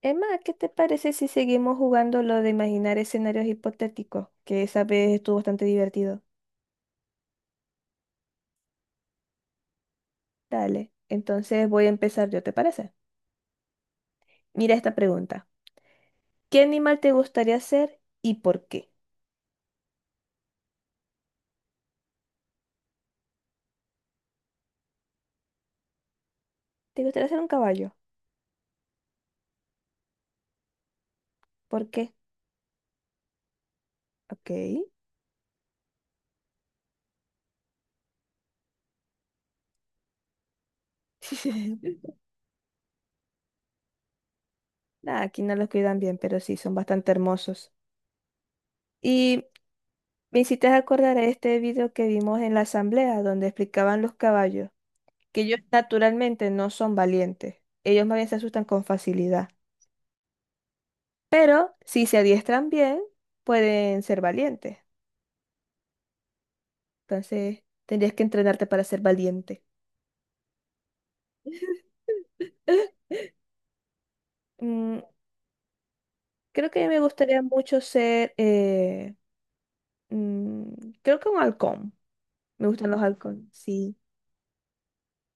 Emma, ¿qué te parece si seguimos jugando lo de imaginar escenarios hipotéticos? Que esa vez estuvo bastante divertido. Dale, entonces voy a empezar yo, ¿te parece? Mira esta pregunta. ¿Qué animal te gustaría ser y por qué? ¿Te gustaría ser un caballo? ¿Por qué? Ok. Nada, aquí no los cuidan bien, pero sí, son bastante hermosos. Y me hiciste acordar a este video que vimos en la asamblea donde explicaban los caballos, que ellos naturalmente no son valientes. Ellos más bien se asustan con facilidad. Si se adiestran bien, pueden ser valientes. Entonces, tendrías que entrenarte para ser valiente. Mm, creo que me gustaría mucho ser, mm, creo que un halcón. Me gustan los halcones, sí.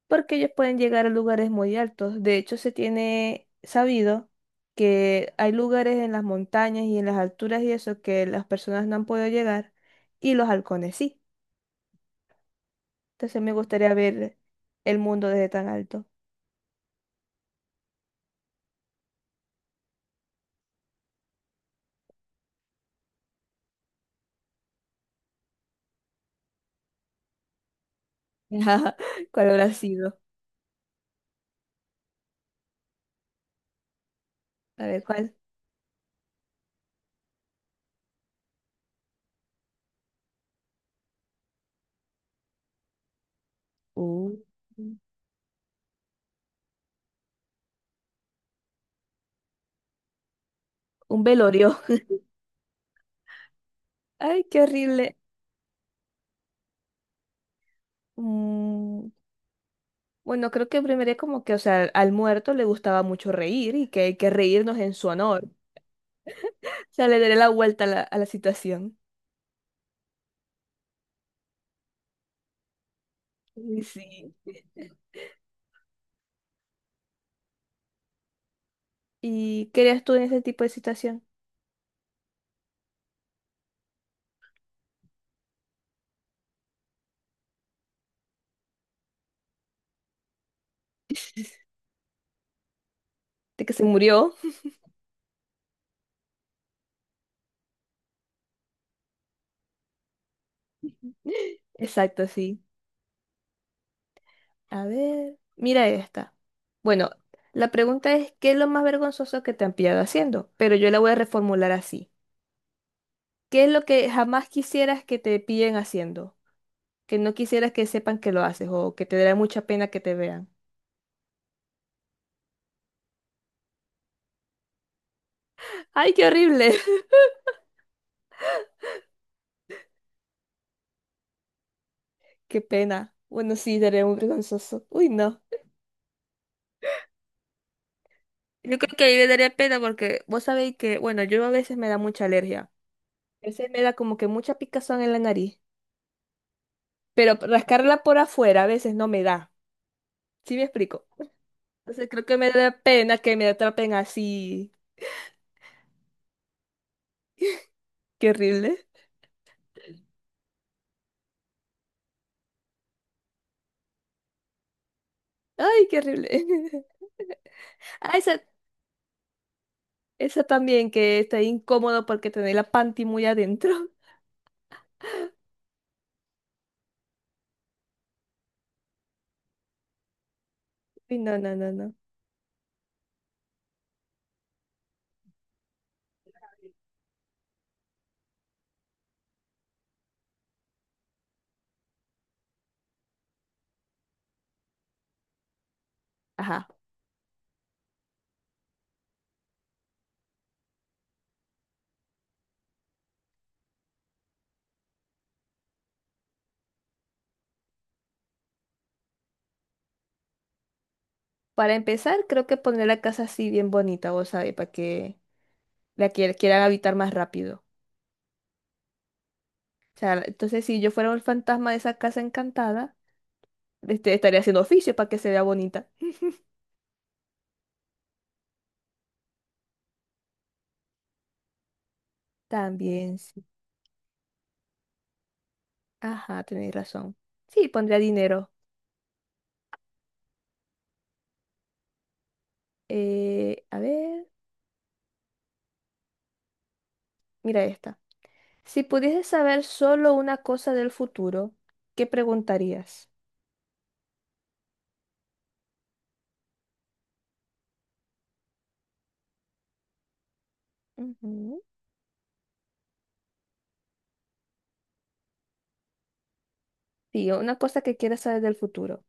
Porque ellos pueden llegar a lugares muy altos. De hecho, se tiene sabido que hay lugares en las montañas y en las alturas y eso que las personas no han podido llegar y los halcones sí. Entonces, me gustaría ver el mundo desde tan alto. Ajá, ¿cuál habrá sido? A ver, ¿cuál? Un, un velorio. Ay, qué horrible. Mm, bueno, creo que primero es como que, o sea, al muerto le gustaba mucho reír y que hay que reírnos en su honor. O sea, le daré la vuelta a la situación. Y sí. ¿Y qué harías tú en ese tipo de situación? De que se murió. Exacto, sí. A ver, mira esta. Bueno, la pregunta es, ¿qué es lo más vergonzoso que te han pillado haciendo? Pero yo la voy a reformular así. ¿Qué es lo que jamás quisieras que te pillen haciendo? Que no quisieras que sepan que lo haces o que te dará mucha pena que te vean. ¡Ay, qué horrible! ¡Qué pena! Bueno, sí, daría muy vergonzoso. Uy, no. Yo creo que ahí me daría pena porque vos sabéis que, bueno, yo a veces me da mucha alergia. A veces me da como que mucha picazón en la nariz. Pero rascarla por afuera a veces no me da. ¿Sí me explico? Entonces creo que me da pena que me atrapen así. ¡Qué horrible! ¡Ay, qué horrible! Ay, sa- Eso también que está incómodo porque tener la panty muy adentro. Y no, no, no, no. Ajá. Para empezar, creo que poner la casa así bien bonita, vos sabés, para que la quieran habitar más rápido. O sea, entonces si yo fuera un fantasma de esa casa encantada, este, estaría haciendo oficio para que se vea bonita. También, sí. Ajá, tenéis razón. Sí, pondría dinero. A ver, mira esta. Si pudieses saber solo una cosa del futuro, ¿qué preguntarías? Ujú. Sí, una cosa que quieres saber del futuro.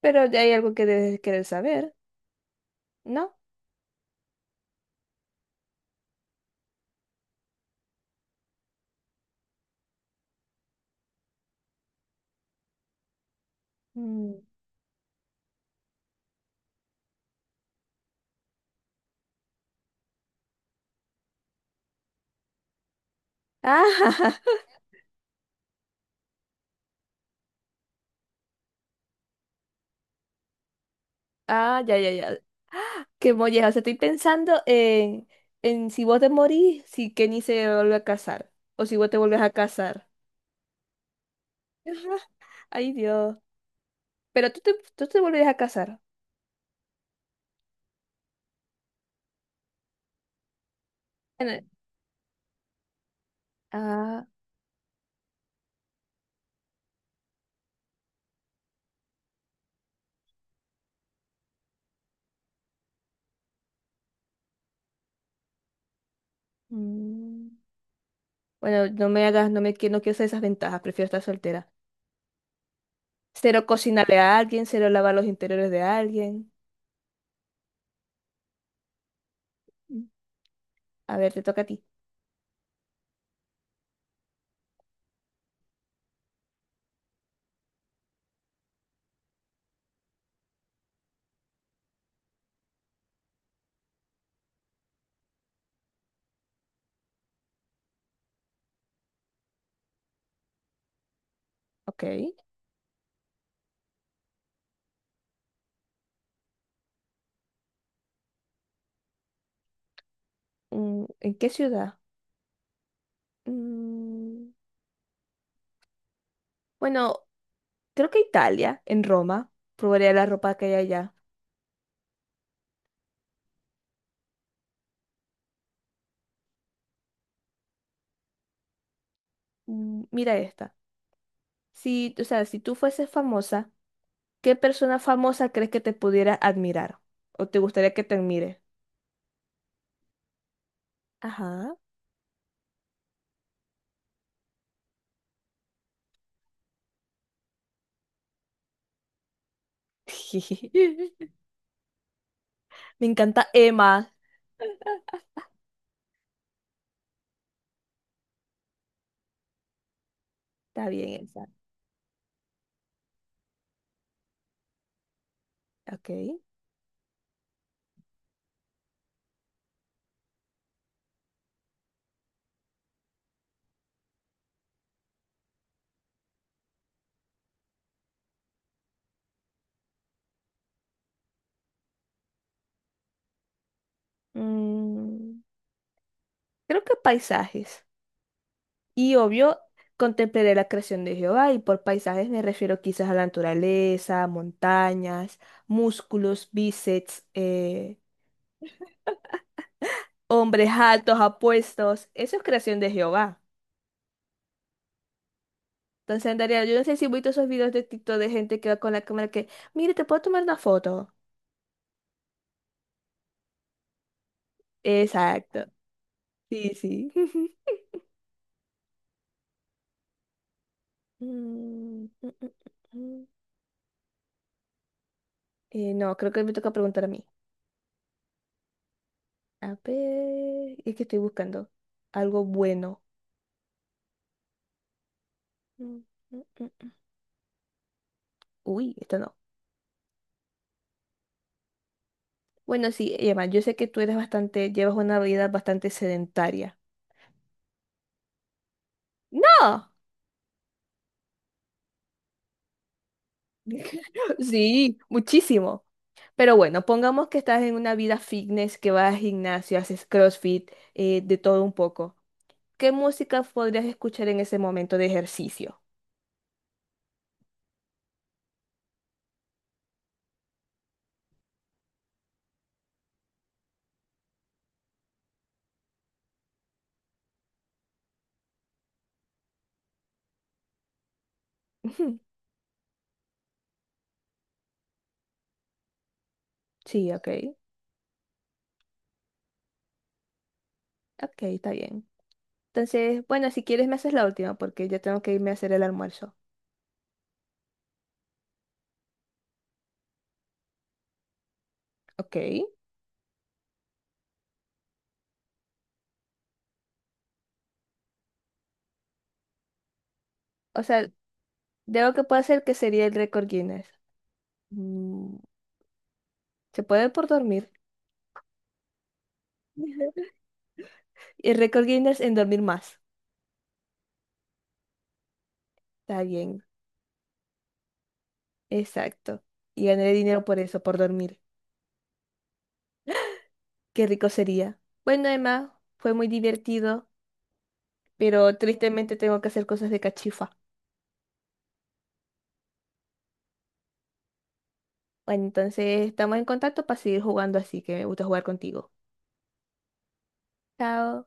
Pero ya hay algo que debes querer saber, ¿no? Mm. Ah, ah, ya, ya, ya. Qué molleja. O sea, estoy pensando en si vos te morís, si Kenny se vuelve a casar. O si vos te vuelves a casar. Ay, Dios. Pero tú te volverías a casar. Bueno, ah, mm. Bueno, no me hagas, no quiero hacer esas ventajas, prefiero estar soltera. Cero cocinarle a alguien, cero lavar los interiores de alguien. Mm. A ver, te toca a ti. Ok. Mm, ¿en qué ciudad? Mm, bueno, creo que Italia, en Roma. Probaría la ropa que hay allá. Mm, mira esta. Si, o sea, si tú fueses famosa, ¿qué persona famosa crees que te pudiera admirar? ¿O te gustaría que te admire? Ajá. Me encanta Emma. Está bien, esa. Ok. Mm, creo que paisajes. Y obvio, contemplaré la creación de Jehová y por paisajes me refiero quizás a la naturaleza, montañas, músculos, bíceps, hombres altos, apuestos. Eso es creación de Jehová. Entonces Andrea yo no sé si he visto esos videos de TikTok de gente que va con la cámara que, mire, ¿te puedo tomar una foto? Exacto. Sí, sí. Mm, mm, mm, mm. No, creo que me toca preguntar a mí. A ver, es que estoy buscando algo bueno. Mm, mm, mm, Uy, esto no. Bueno, sí, Emma, yo sé que tú eres bastante, llevas una vida bastante sedentaria. ¡No! Sí, muchísimo. Pero bueno, pongamos que estás en una vida fitness, que vas al gimnasio, haces CrossFit, de todo un poco. ¿Qué música podrías escuchar en ese momento de ejercicio? Ujú. Sí, ok. Ok, está bien. Entonces, bueno, si quieres me haces la última porque yo tengo que irme a hacer el almuerzo. Ok. O sea, de lo que puedo hacer que sería el récord Guinness. Mm, ¿se puede por dormir? Y el récord Guinness en dormir más. Está bien, exacto. Y ganaré dinero por eso, por dormir. Qué rico sería. Bueno, Emma, fue muy divertido, pero tristemente tengo que hacer cosas de cachifa. Bueno, entonces estamos en contacto para seguir jugando así, que me gusta jugar contigo. Chao.